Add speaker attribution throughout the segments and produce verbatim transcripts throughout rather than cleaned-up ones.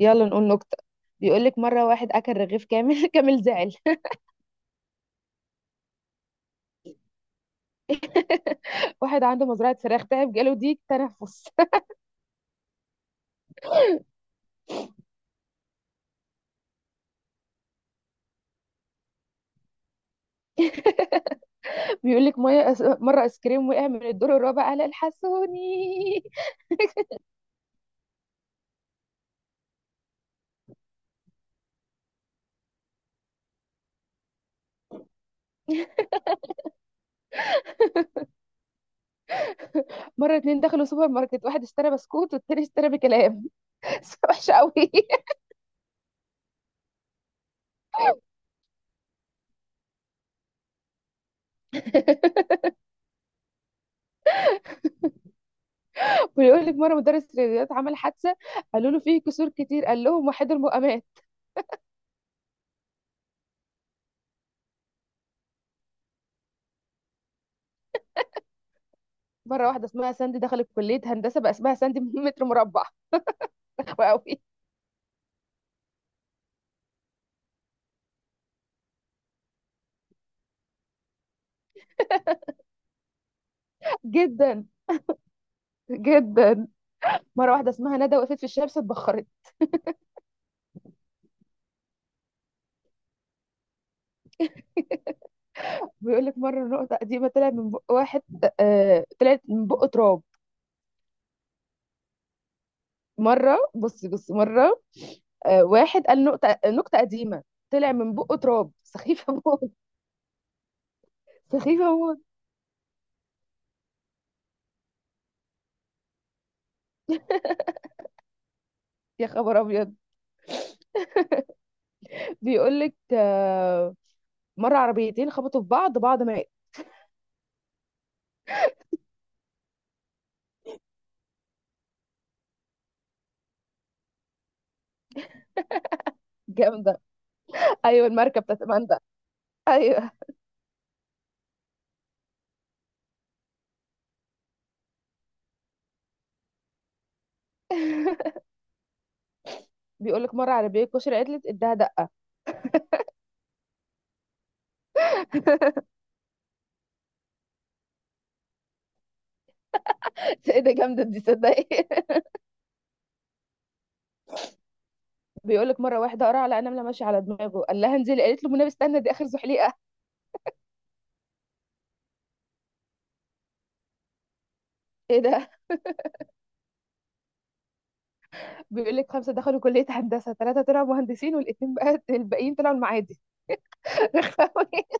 Speaker 1: يلا نقول نكتة. بيقولك مرة واحد أكل رغيف كامل كامل زعل. واحد عنده مزرعة فراخ تعب جاله ضيق تنفس. بيقولك مية أس... مرة آيس كريم وقع من الدور الرابع قال الحسوني. مرة اتنين دخلوا سوبر ماركت واحد اشترى بسكوت والتاني اشترى بكلام. وحشة قوي. بيقولك مرة مدرس رياضيات عمل حادثة، قالوا له فيه كسور كتير، قال لهم وحيد المقامات. مرة واحدة اسمها ساندي دخلت كلية هندسة بقى اسمها ساندي متر مربع. وقوي جدا جدا. مرة واحدة اسمها ندى وقفت في الشمس اتبخرت. بيقول لك مره النقطه قديمه طلع من بق واحد. آه طلعت من بق تراب. مره بصي بصي مره. آه واحد قال نقطه نقطه قديمه طلع من بق تراب سخيفه موت. سخيفه موت. يا خبر ابيض. بيقول لك آه، مره عربيتين خبطوا في بعض بعض مات. جامده. ايوه المركب بتاعت ماندا. ايوه. بيقول لك مره عربيه كشري عدلت اداها دقه. ايه ده جامده دي صدقي. بيقول لك مره واحده قرع على نمله ماشيه على دماغه قال لها انزلي قالت له منى استنى دي اخر زحليقه. ايه ده. بيقول لك خمسه دخلوا كليه هندسه ثلاثه طلعوا مهندسين والاثنين بقى الباقيين طلعوا المعادي.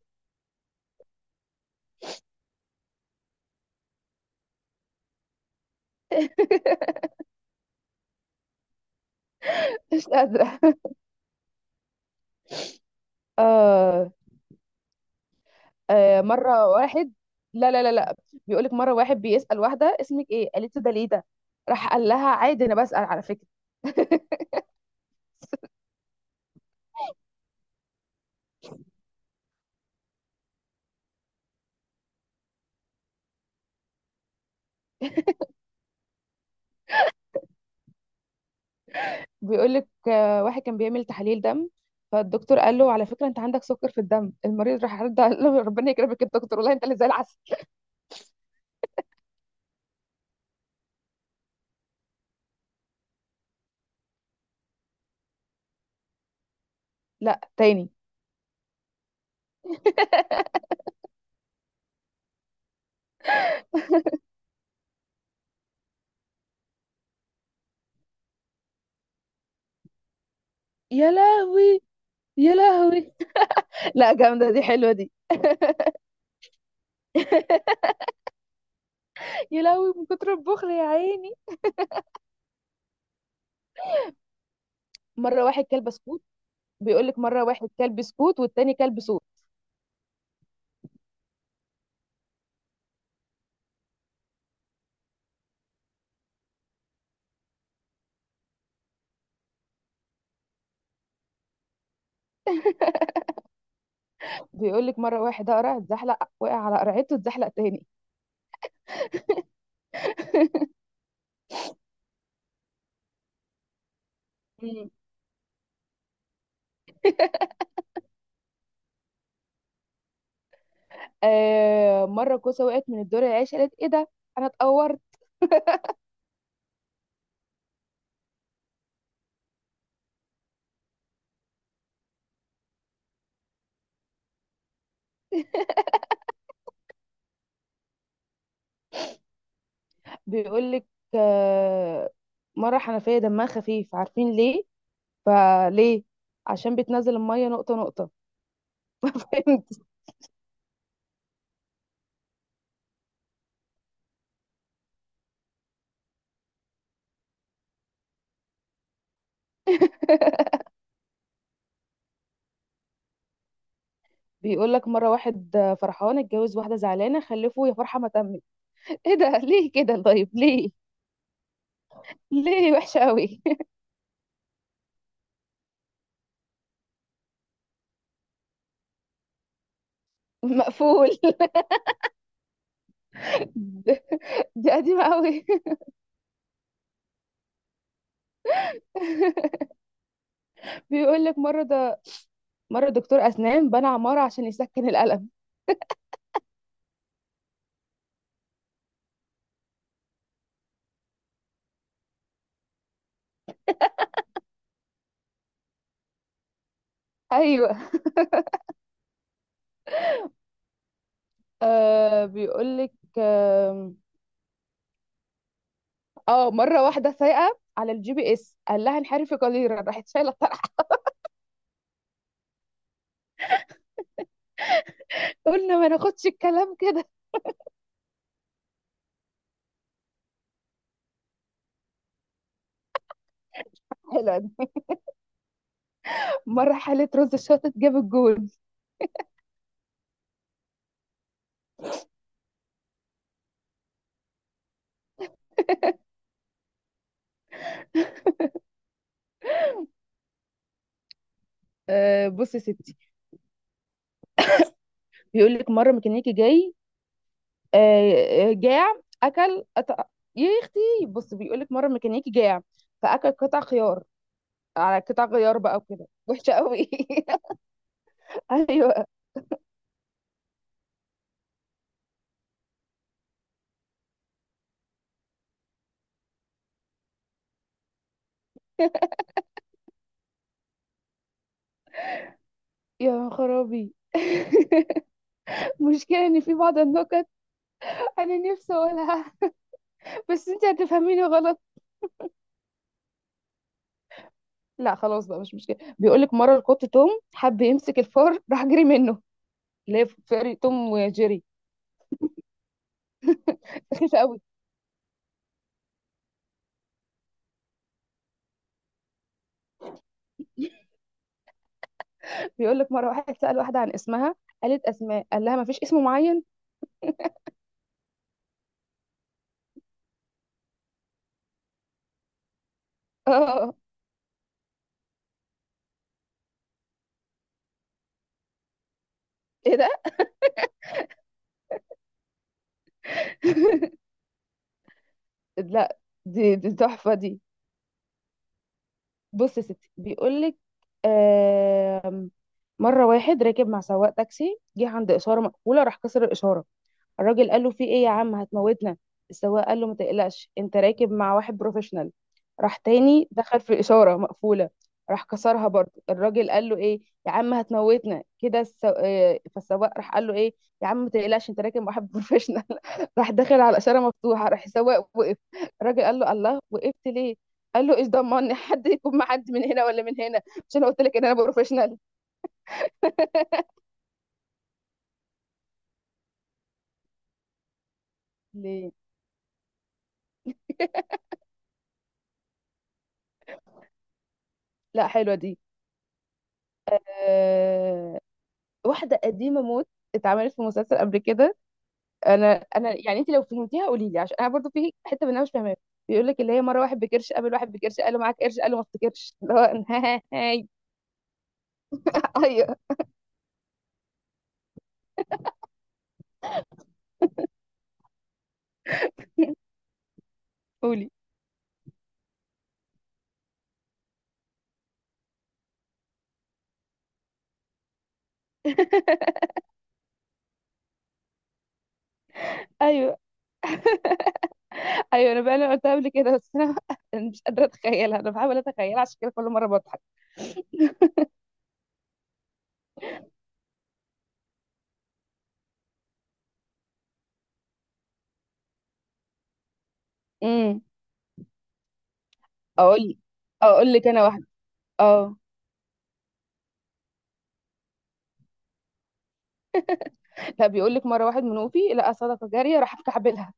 Speaker 1: مش قادره. آه. آه مره واحد. لا لا لا لا. بيقول لك مره واحد بيسال واحده اسمك ايه؟ قالت له ده ليه ده؟ راح قال لها عادي انا بسال على فكره. بيقول لك آه، واحد كان بيعمل تحاليل دم، فالدكتور قال له على فكره انت عندك سكر في الدم. المريض راح رد قال له ربنا يكرمك يا دكتور والله انت اللي زي العسل. لا تاني. يا لهوي، يا لهوي. لا جامده دي حلوه دي. يا لهوي من كتر البخل يا عيني. مره واحد كلب سكوت. بيقول لك مره واحد كلب سكوت والتاني كلب صوت. بيقول لك مره واحد قرع اتزحلق وقع على قرعته اتزحلق تاني. مم. آه مره كوسه وقعت من الدور العاشر قالت ايه ده، انا اتقورت. بيقول لك آه، مره حنفيه دمها خفيف، عارفين ليه؟ فليه، عشان بتنزل الميه نقطه نقطه. بيقول لك مره واحد فرحان اتجوز واحده زعلانه خلفه يا فرحه ما تمت. ايه ده ليه كده؟ طيب ليه؟ ليه وحشه قوي. مقفول. دي قديمة قوي. بيقول لك مرة ده، مرة دكتور أسنان بنى عمارة عشان يسكن الألم. أيوه. آه بيقول لك، آه, آه مرة واحدة سايقة على الجي بي إس قال لها انحرفي قليلا راحت شايلة الطرح. قلنا ما ناخدش الكلام كده. حلو. مرة حالة رز الشاطت جاب الجول. آه بصي يا ستي، بيقول لك مرة ميكانيكي جاي آه آه، جاع أكل قطع. يا أختي، بص بيقول لك مرة ميكانيكي جاع فأكل قطع خيار على قطع غيار بقى وكده وحشة قوي. ايوه. يا خرابي. مشكلة ان في بعض النكت انا نفسي اقولها بس انت هتفهميني غلط. لا خلاص بقى مش مشكلة. بيقولك مرة القط توم حب يمسك الفار راح جري منه، اللي هي فيري توم وجيري. سخيفة قوي. بيقولك مرة واحد سأل واحدة عن اسمها، قالت اسماء، قال لها مفيش اسم معين. اه. ايه ده. لا دي دي تحفة دي. بص يا ستي، بيقولك آم، مرة واحد راكب مع سواق تاكسي جه عند إشارة مقفولة راح كسر الإشارة. الراجل قال له في ايه يا عم هتموتنا. السواق قال له ما تقلقش انت راكب مع واحد بروفيشنال. راح تاني دخل في الاشاره مقفوله راح كسرها برضه. الراجل قال له ايه يا عم هتموتنا كده، السو... آه، فالسواق راح قال له ايه يا عم ما تقلقش انت راكب مع واحد بروفيشنال. راح داخل على اشاره مفتوحه راح السواق وقف. الراجل قال له الله وقفت ليه؟ قال له ايش ضمني حد يكون مع حد من هنا ولا من هنا، مش انا قلت لك ان انا بروفيشنال. ليه. لا حلوه دي. آه، واحده قديمه موت اتعملت في مسلسل قبل كده. انا انا يعني انت لو فهمتيها قولي لي عشان انا برضو في حته منها مش فاهماها. بيقول لك اللي هي مره واحد بكرش قابل واحد بكرش قال له معاك قرش قال له ما افتكرش. اللي هو أنا- هاي. ايوه. قولي. ايوه. ايوه انا بقى انا قلتها قبل كده، بس انا أنا مش قادره اتخيلها انا بحاول اتخيلها عشان كده كل مره بضحك. امم. اقول اقول لك انا واحده. اه. لا بيقول لك مره واحد منوفي لقى صدقه جاريه راح مكعبلها.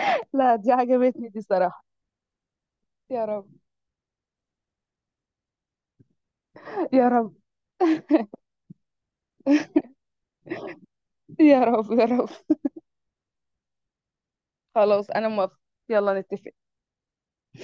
Speaker 1: لا دي عجبتني دي صراحه. يا رب، يا رب. يا رب، يا رب. خلاص انا موافقة. يلا نتفق.